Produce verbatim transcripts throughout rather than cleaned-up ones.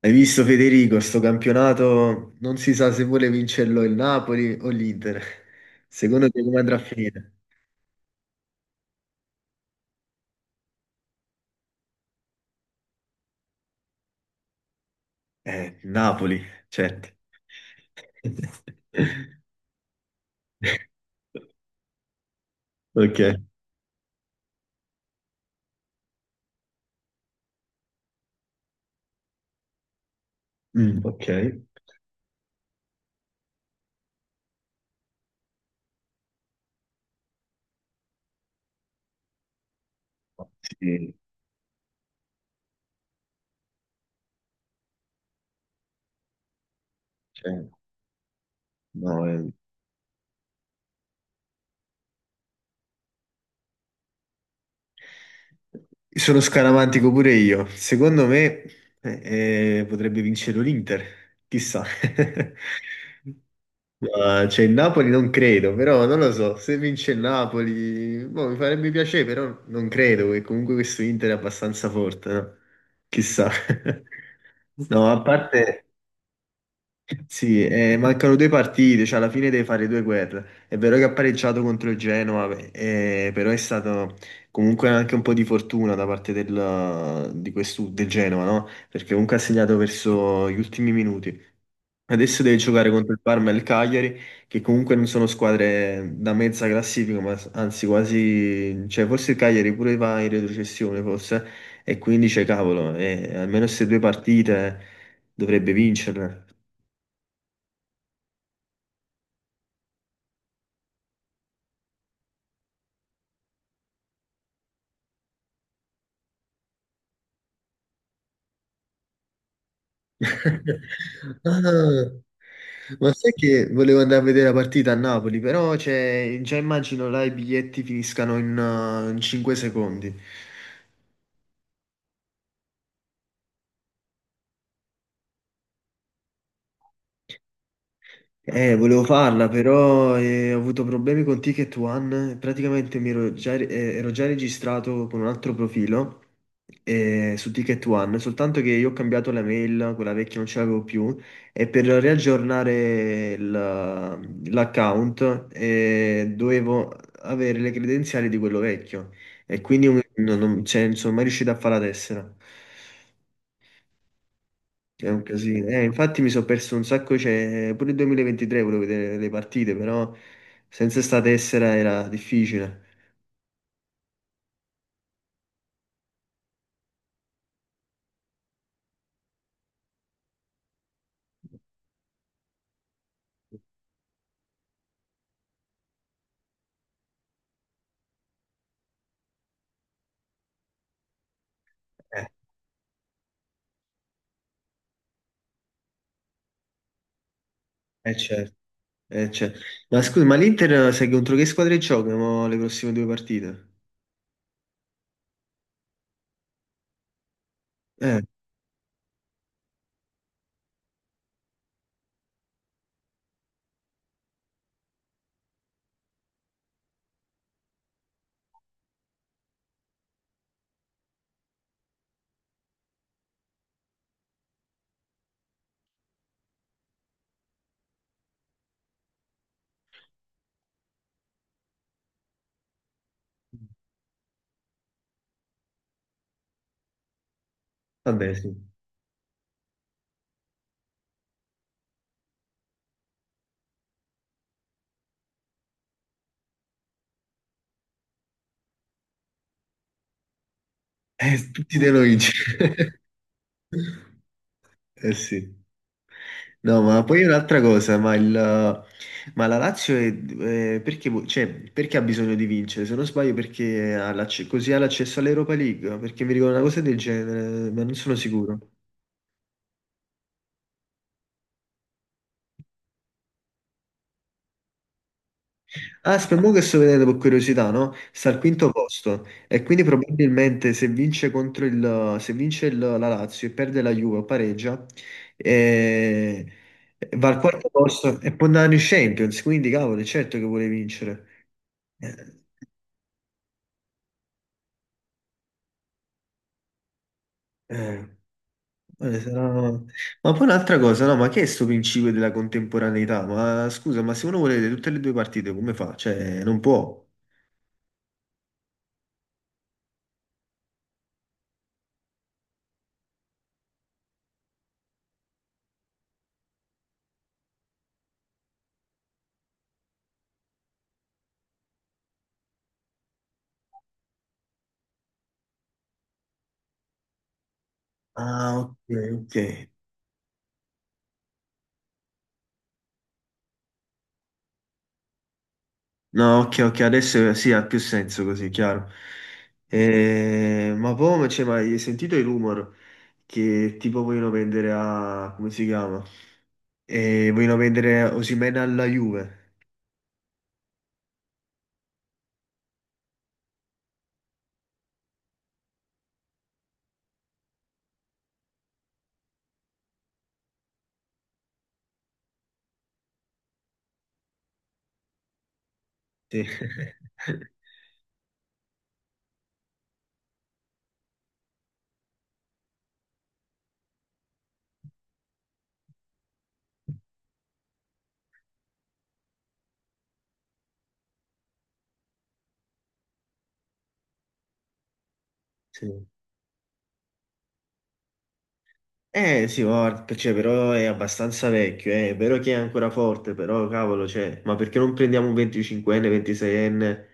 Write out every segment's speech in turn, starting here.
Hai visto Federico, sto campionato non si sa se vuole vincerlo il Napoli o l'Inter. Secondo te come andrà a finire? Eh, Napoli, certo. Ok. Mm, ok. Sì, cioè, no, eh. Sono scaramantico pure io. Secondo me eh, eh, potrebbe vincere l'Inter, chissà. Ma c'è il Napoli, non credo, però non lo so, se vince il Napoli, boh, mi farebbe piacere, però non credo che comunque questo Inter è abbastanza forte, no? Chissà. No, a parte, sì, eh, mancano due partite, cioè alla fine deve fare due guerre. È vero che ha pareggiato contro il Genoa, beh, eh, però è stato comunque anche un po' di fortuna da parte del, di questo, del Genoa, no? Perché comunque ha segnato verso gli ultimi minuti. Adesso deve giocare contro il Parma e il Cagliari, che comunque non sono squadre da mezza classifica, ma s- anzi quasi, cioè forse il Cagliari pure va in retrocessione forse, e quindi c'è cavolo, e almeno queste due partite dovrebbe vincerle. Ah, ma sai che volevo andare a vedere la partita a Napoli, però cioè, già immagino là i biglietti finiscano in cinque secondi. Eh, volevo farla, però eh, ho avuto problemi con Ticket One. Praticamente mi ero già, eh, ero già registrato con un altro profilo eh, su Ticket One, soltanto che io ho cambiato la mail, quella vecchia non ce l'avevo più, e per riaggiornare il- l'account eh, dovevo avere le credenziali di quello vecchio, e quindi non, non- cioè, non sono mai riuscito a fare la tessera. È un casino. Eh, infatti mi sono perso un sacco, cioè, pure il duemilaventitré volevo vedere le partite, però senza sta tessera era difficile. Eh, eh, certo, eh, certo. Ma scusa, ma l'Inter sai contro che squadre gioca mo, le prossime due partite? Eh, Vabbè, sì. Eh, tutti devono vincere. Eh sì. No, ma poi un'altra cosa, ma, il, ma la Lazio è, è- perché, vu- cioè, perché ha bisogno di vincere? Se non sbaglio, perché ha l'acce- così ha l'accesso all'Europa League? Perché mi ricordo una cosa del genere, ma non sono sicuro. Ah, spero che sto vedendo per curiosità, no? Sta al quinto posto e quindi probabilmente se vince contro il, se vince il- la Lazio e perde la Juve o pareggia, eh, va al quarto posto e può andare in Champions, quindi cavolo, è certo che vuole vincere. Eh, eh. Eh, sarà... Ma poi un'altra cosa, no? Ma che è sto principio della contemporaneità? Ma scusa, ma se uno vuole vedere tutte le due partite, come fa? Cioè, non può. Ah, ok, ok. No, ok, ok, adesso sì, ha più senso così, chiaro. Eh, ma poi, ma- cioè, ma hai sentito i rumor che tipo vogliono vendere a... come si chiama? Eh, vogliono vendere Osimhen alla Juve. Sì. Sì. Eh sì, guarda, cioè, però è abbastanza vecchio, eh. È vero che è ancora forte, però cavolo, cioè, ma perché non prendiamo un venticinquenne, ventiseienne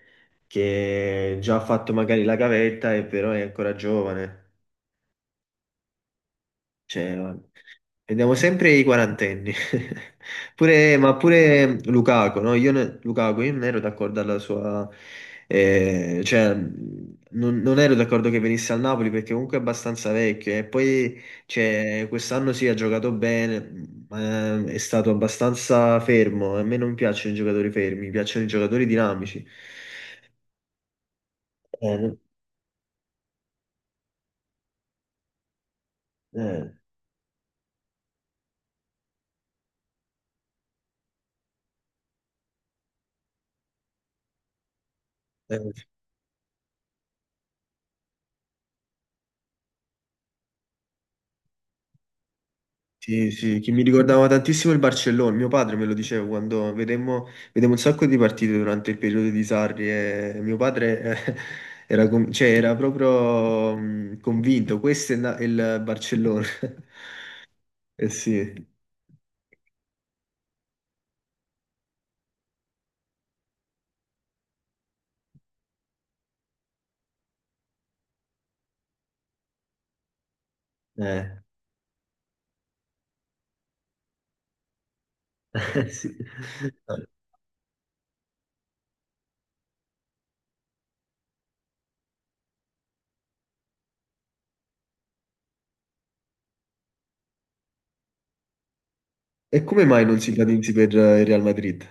che già ha fatto magari la gavetta e però è ancora giovane? Cioè, guarda. Vediamo sempre i quarantenni. Pure, ma pure Lukaku, no? Io, ne- Lukaku, io non ero d'accordo alla sua... eh, cioè, non, non ero d'accordo che venisse al Napoli perché comunque è abbastanza vecchio. E poi, cioè, quest'anno sì, ha giocato bene, ma è stato abbastanza fermo. A me non piacciono i giocatori fermi, mi piacciono i giocatori dinamici. Eh. eh, eh. Sì, sì, che mi ricordava tantissimo il Barcellona, mio padre me lo diceva quando vedemmo, vedemmo un sacco di partite durante il periodo di Sarri e mio padre eh, era, con- cioè, era proprio mh, convinto, questo è na- il Barcellona. Eh sì. Eh, sì. E come mai non si ipotizzi per eh, il Real Madrid?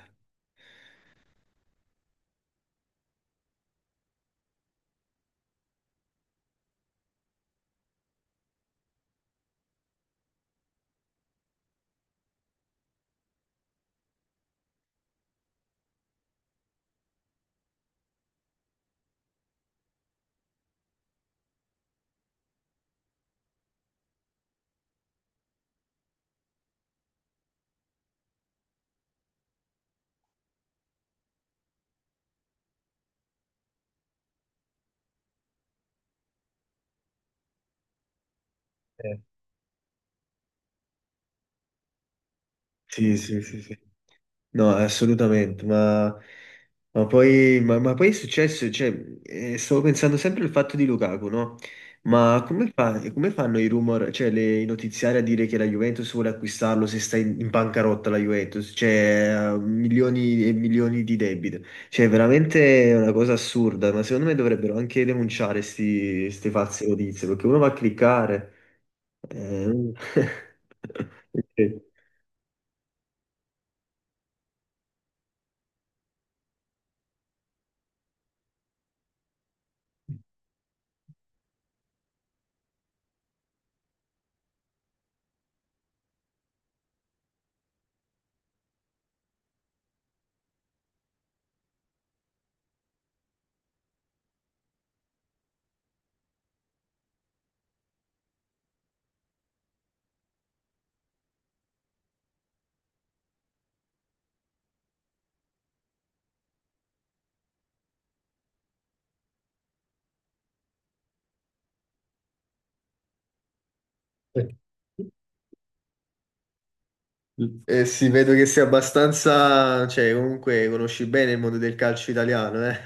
Eh. Sì, sì, sì, sì. No, assolutamente, ma, ma poi, ma- ma poi è successo, cioè, eh, stavo pensando sempre al fatto di Lukaku, no? Ma come fa- come fanno i rumor, cioè le, i notiziari a dire che la Juventus vuole acquistarlo se sta in, in bancarotta la Juventus, cioè ha milioni e milioni di debito, cioè veramente è una cosa assurda, ma secondo me dovrebbero anche denunciare queste false notizie, perché uno va a cliccare. Eh, ok. E si vedo che sei abbastanza, cioè comunque conosci bene il mondo del calcio italiano, eh?